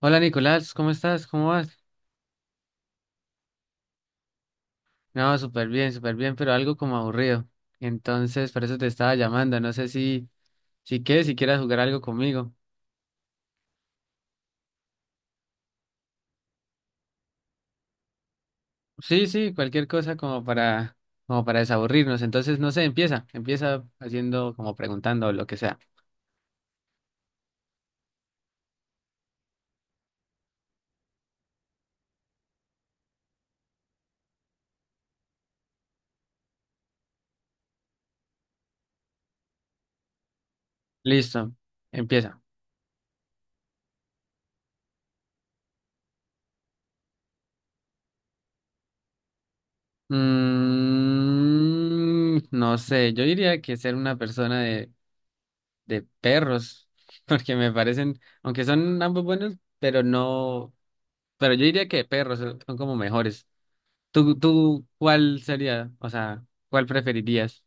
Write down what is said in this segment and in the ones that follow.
Hola Nicolás, ¿cómo estás? ¿Cómo vas? No, súper bien, pero algo como aburrido. Entonces, por eso te estaba llamando. No sé si, si quieres, si quieras jugar algo conmigo. Sí, sí, cualquier cosa como para, como para desaburrirnos. Entonces, no sé, empieza haciendo como preguntando o lo que sea. Listo, empieza. No sé, yo diría que ser una persona de perros, porque me parecen, aunque son ambos buenos, pero no. Pero yo diría que perros son como mejores. ¿Tú, tú cuál sería? O sea, ¿cuál preferirías?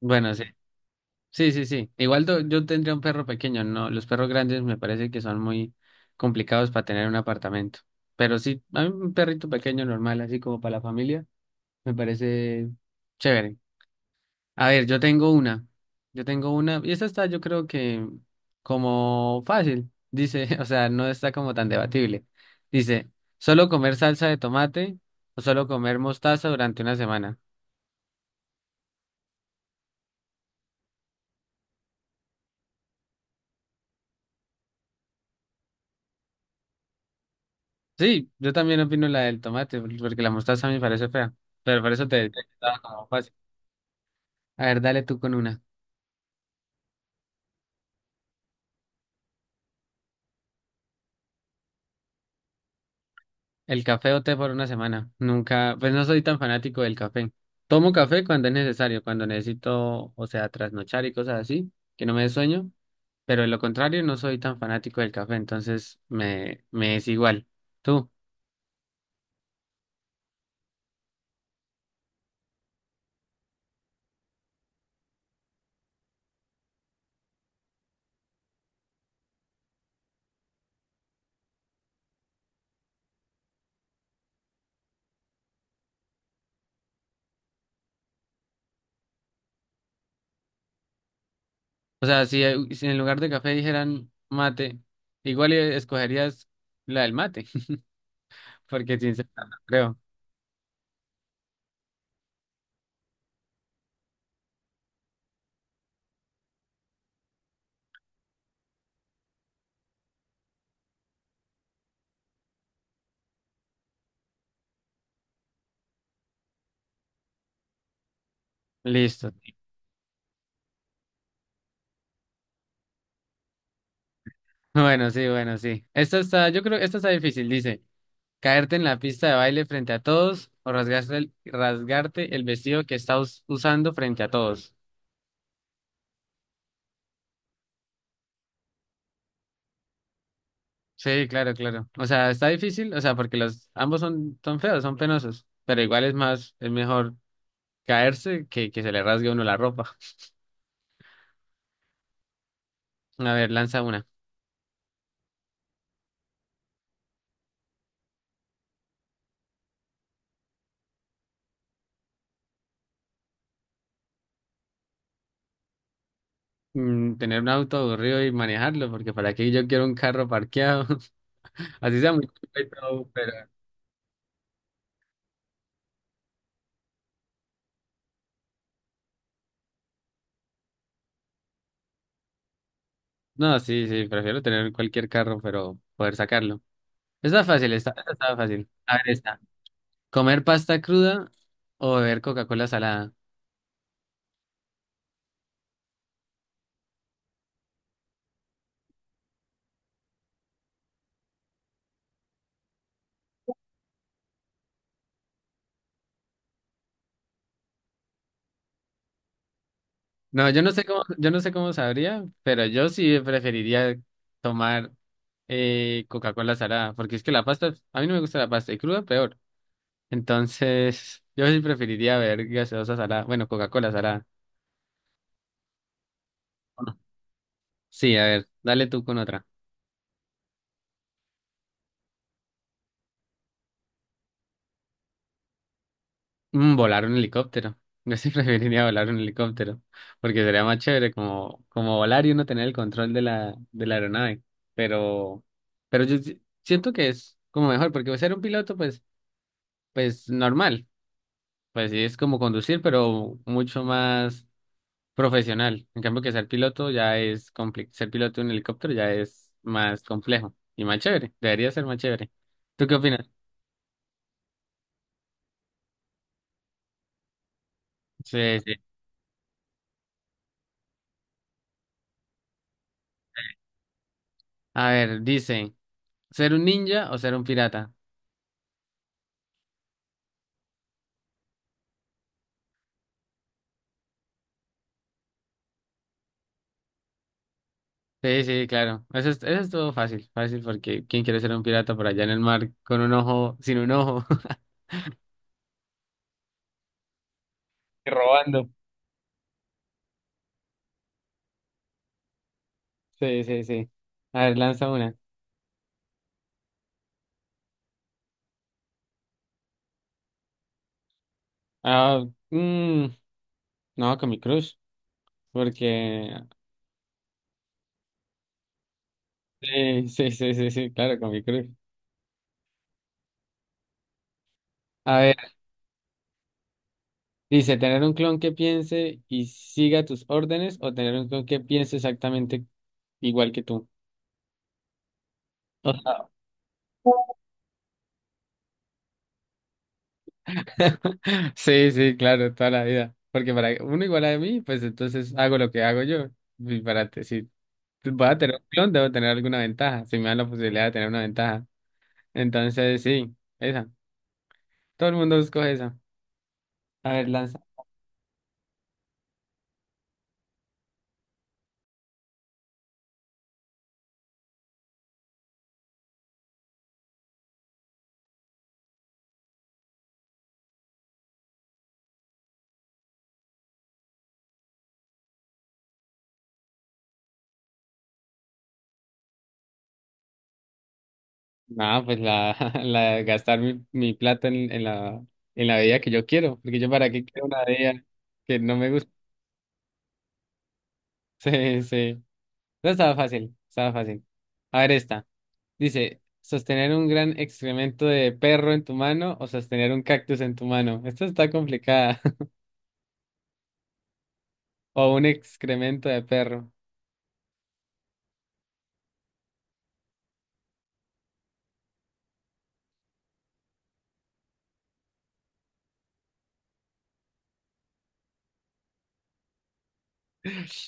Bueno, sí. Sí, sí, sí. Igual yo tendría un perro pequeño, no. Los perros grandes me parece que son muy complicados para tener en un apartamento. Pero sí, a mí un perrito pequeño normal, así como para la familia, me parece chévere. A ver, yo tengo una. Yo tengo una. Y esta está, yo creo que como fácil. Dice, o sea, no está como tan debatible. Dice, ¿solo comer salsa de tomate o solo comer mostaza durante una semana? Sí, yo también opino la del tomate, porque la mostaza a mí me parece fea. Pero por eso te decía que estaba como fácil. A ver, dale tú con una. El café o té por una semana. Nunca, pues no soy tan fanático del café. Tomo café cuando es necesario, cuando necesito, o sea, trasnochar y cosas así, que no me dé sueño. Pero de lo contrario, no soy tan fanático del café, entonces me es igual. Tú, o sea, si, si en lugar de café dijeran mate, igual escogerías la del mate, porque sin ser tan- creo. Listo. Bueno, sí, bueno, sí. Esta está, yo creo que esta está difícil. Dice, caerte en la pista de baile frente a todos o rasgarte el vestido que estás usando frente a todos. Sí, claro, claro. O sea, está difícil, o sea, porque los ambos son, son feos, son penosos, pero igual es más, es mejor. Caerse, que se le rasgue a uno la ropa. A ver, lanza una. Tener un auto aburrido y manejarlo, porque para qué yo quiero un carro parqueado. Así sea muy chiquito y todo, pero... No, sí, sí, prefiero tener cualquier carro, pero poder sacarlo. Está fácil, está, está fácil. A ver, está. ¿Comer pasta cruda o beber Coca-Cola salada? No, yo no sé cómo, yo no sé cómo sabría, pero yo sí preferiría tomar Coca-Cola salada, porque es que la pasta, a mí no me gusta la pasta, y cruda peor. Entonces, yo sí preferiría ver gaseosa salada, bueno, Coca-Cola salada. Bueno, sí, a ver, dale tú con otra. Volar un helicóptero. Yo sí preferiría volar un helicóptero, porque sería más chévere como, como volar y uno tener el control de la aeronave. Pero, pero yo siento que es como mejor, porque ser un piloto, pues, pues normal. Pues sí, es como conducir, pero mucho más profesional. En cambio que ser piloto ya es complicado. Ser piloto de un helicóptero ya es más complejo y más chévere. Debería ser más chévere. ¿Tú qué opinas? Sí, sí. A ver, dice, ¿ser un ninja o ser un pirata? Sí, sí, claro. Eso es todo fácil, fácil porque ¿quién quiere ser un pirata por allá en el mar con un ojo, sin un ojo? Y robando. Sí, sí, sí. A ver, lanza una. Ah, mm, no, con mi crush, porque... Sí, sí, sí, sí, sí, claro, con mi crush. A ver. Dice, tener un clon que piense y siga tus órdenes o tener un clon que piense exactamente igual que tú. O sea, sí, sí, claro, toda la vida. Porque para uno igual a mí, pues entonces hago lo que hago yo. Y si voy a tener un clon, debo tener alguna ventaja. Si me dan la posibilidad de tener una ventaja. Entonces, sí, esa. Todo el mundo escoge esa. A ver, lanza. No, pues la, la de gastar mi, mi plata en la bebida que yo quiero. Porque yo para qué quiero una bebida que no me gusta. Sí, sí. No estaba fácil, estaba fácil. A ver esta. Dice, sostener un gran excremento de perro en tu mano o sostener un cactus en tu mano. Esta está complicada. O un excremento de perro.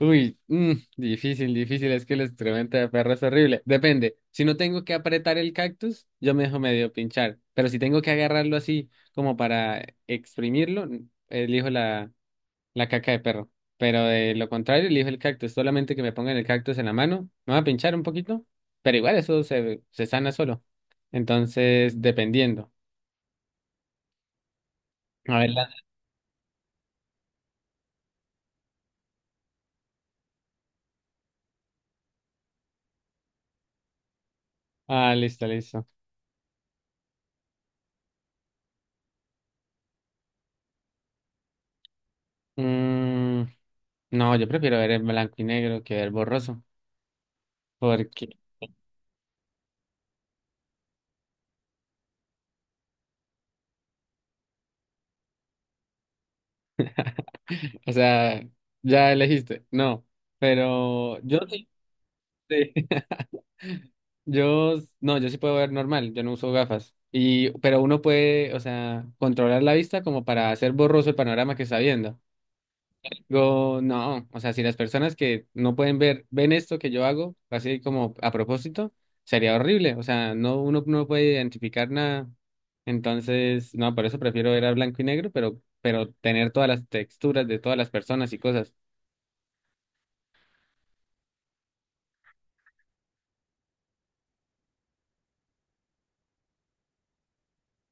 Uy, difícil, difícil. Es que el excremento de perro es horrible. Depende. Si no tengo que apretar el cactus, yo me dejo medio pinchar. Pero si tengo que agarrarlo así como para exprimirlo, elijo la la caca de perro. Pero de lo contrario, elijo el cactus. Solamente que me pongan el cactus en la mano. Me va a pinchar un poquito. Pero igual eso se, se sana solo. Entonces, dependiendo. A ver, la- ah, listo, listo. Mm, no, yo prefiero ver en blanco y negro que ver borroso. Porque, o sea, ya elegiste. No. Pero yo sí. Sí. Yo, no, yo sí puedo ver normal, yo no uso gafas. Y, pero uno puede, o sea, controlar la vista como para hacer borroso el panorama que está viendo. Yo, no, o sea, si las personas que no pueden ver, ven esto que yo hago, así como a propósito, sería horrible. O sea, no, uno no puede identificar nada. Entonces, no, por eso prefiero ver a blanco y negro, pero tener todas las texturas de todas las personas y cosas.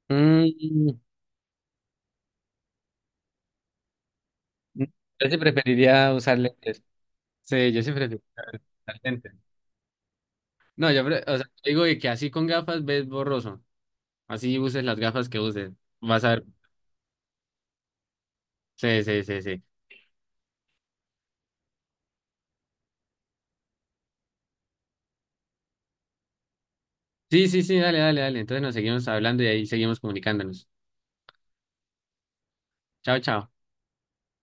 Mm, mm, yo sí preferiría usar lentes. Sí, yo sí preferiría usar lentes. No, o sea, digo que así con gafas ves borroso. Así uses las gafas que uses. Vas a ver. Sí, sí, sí, sí. Sí, sí, sí, dale, dale, dale. Entonces nos seguimos hablando y ahí seguimos comunicándonos. Chao, chao.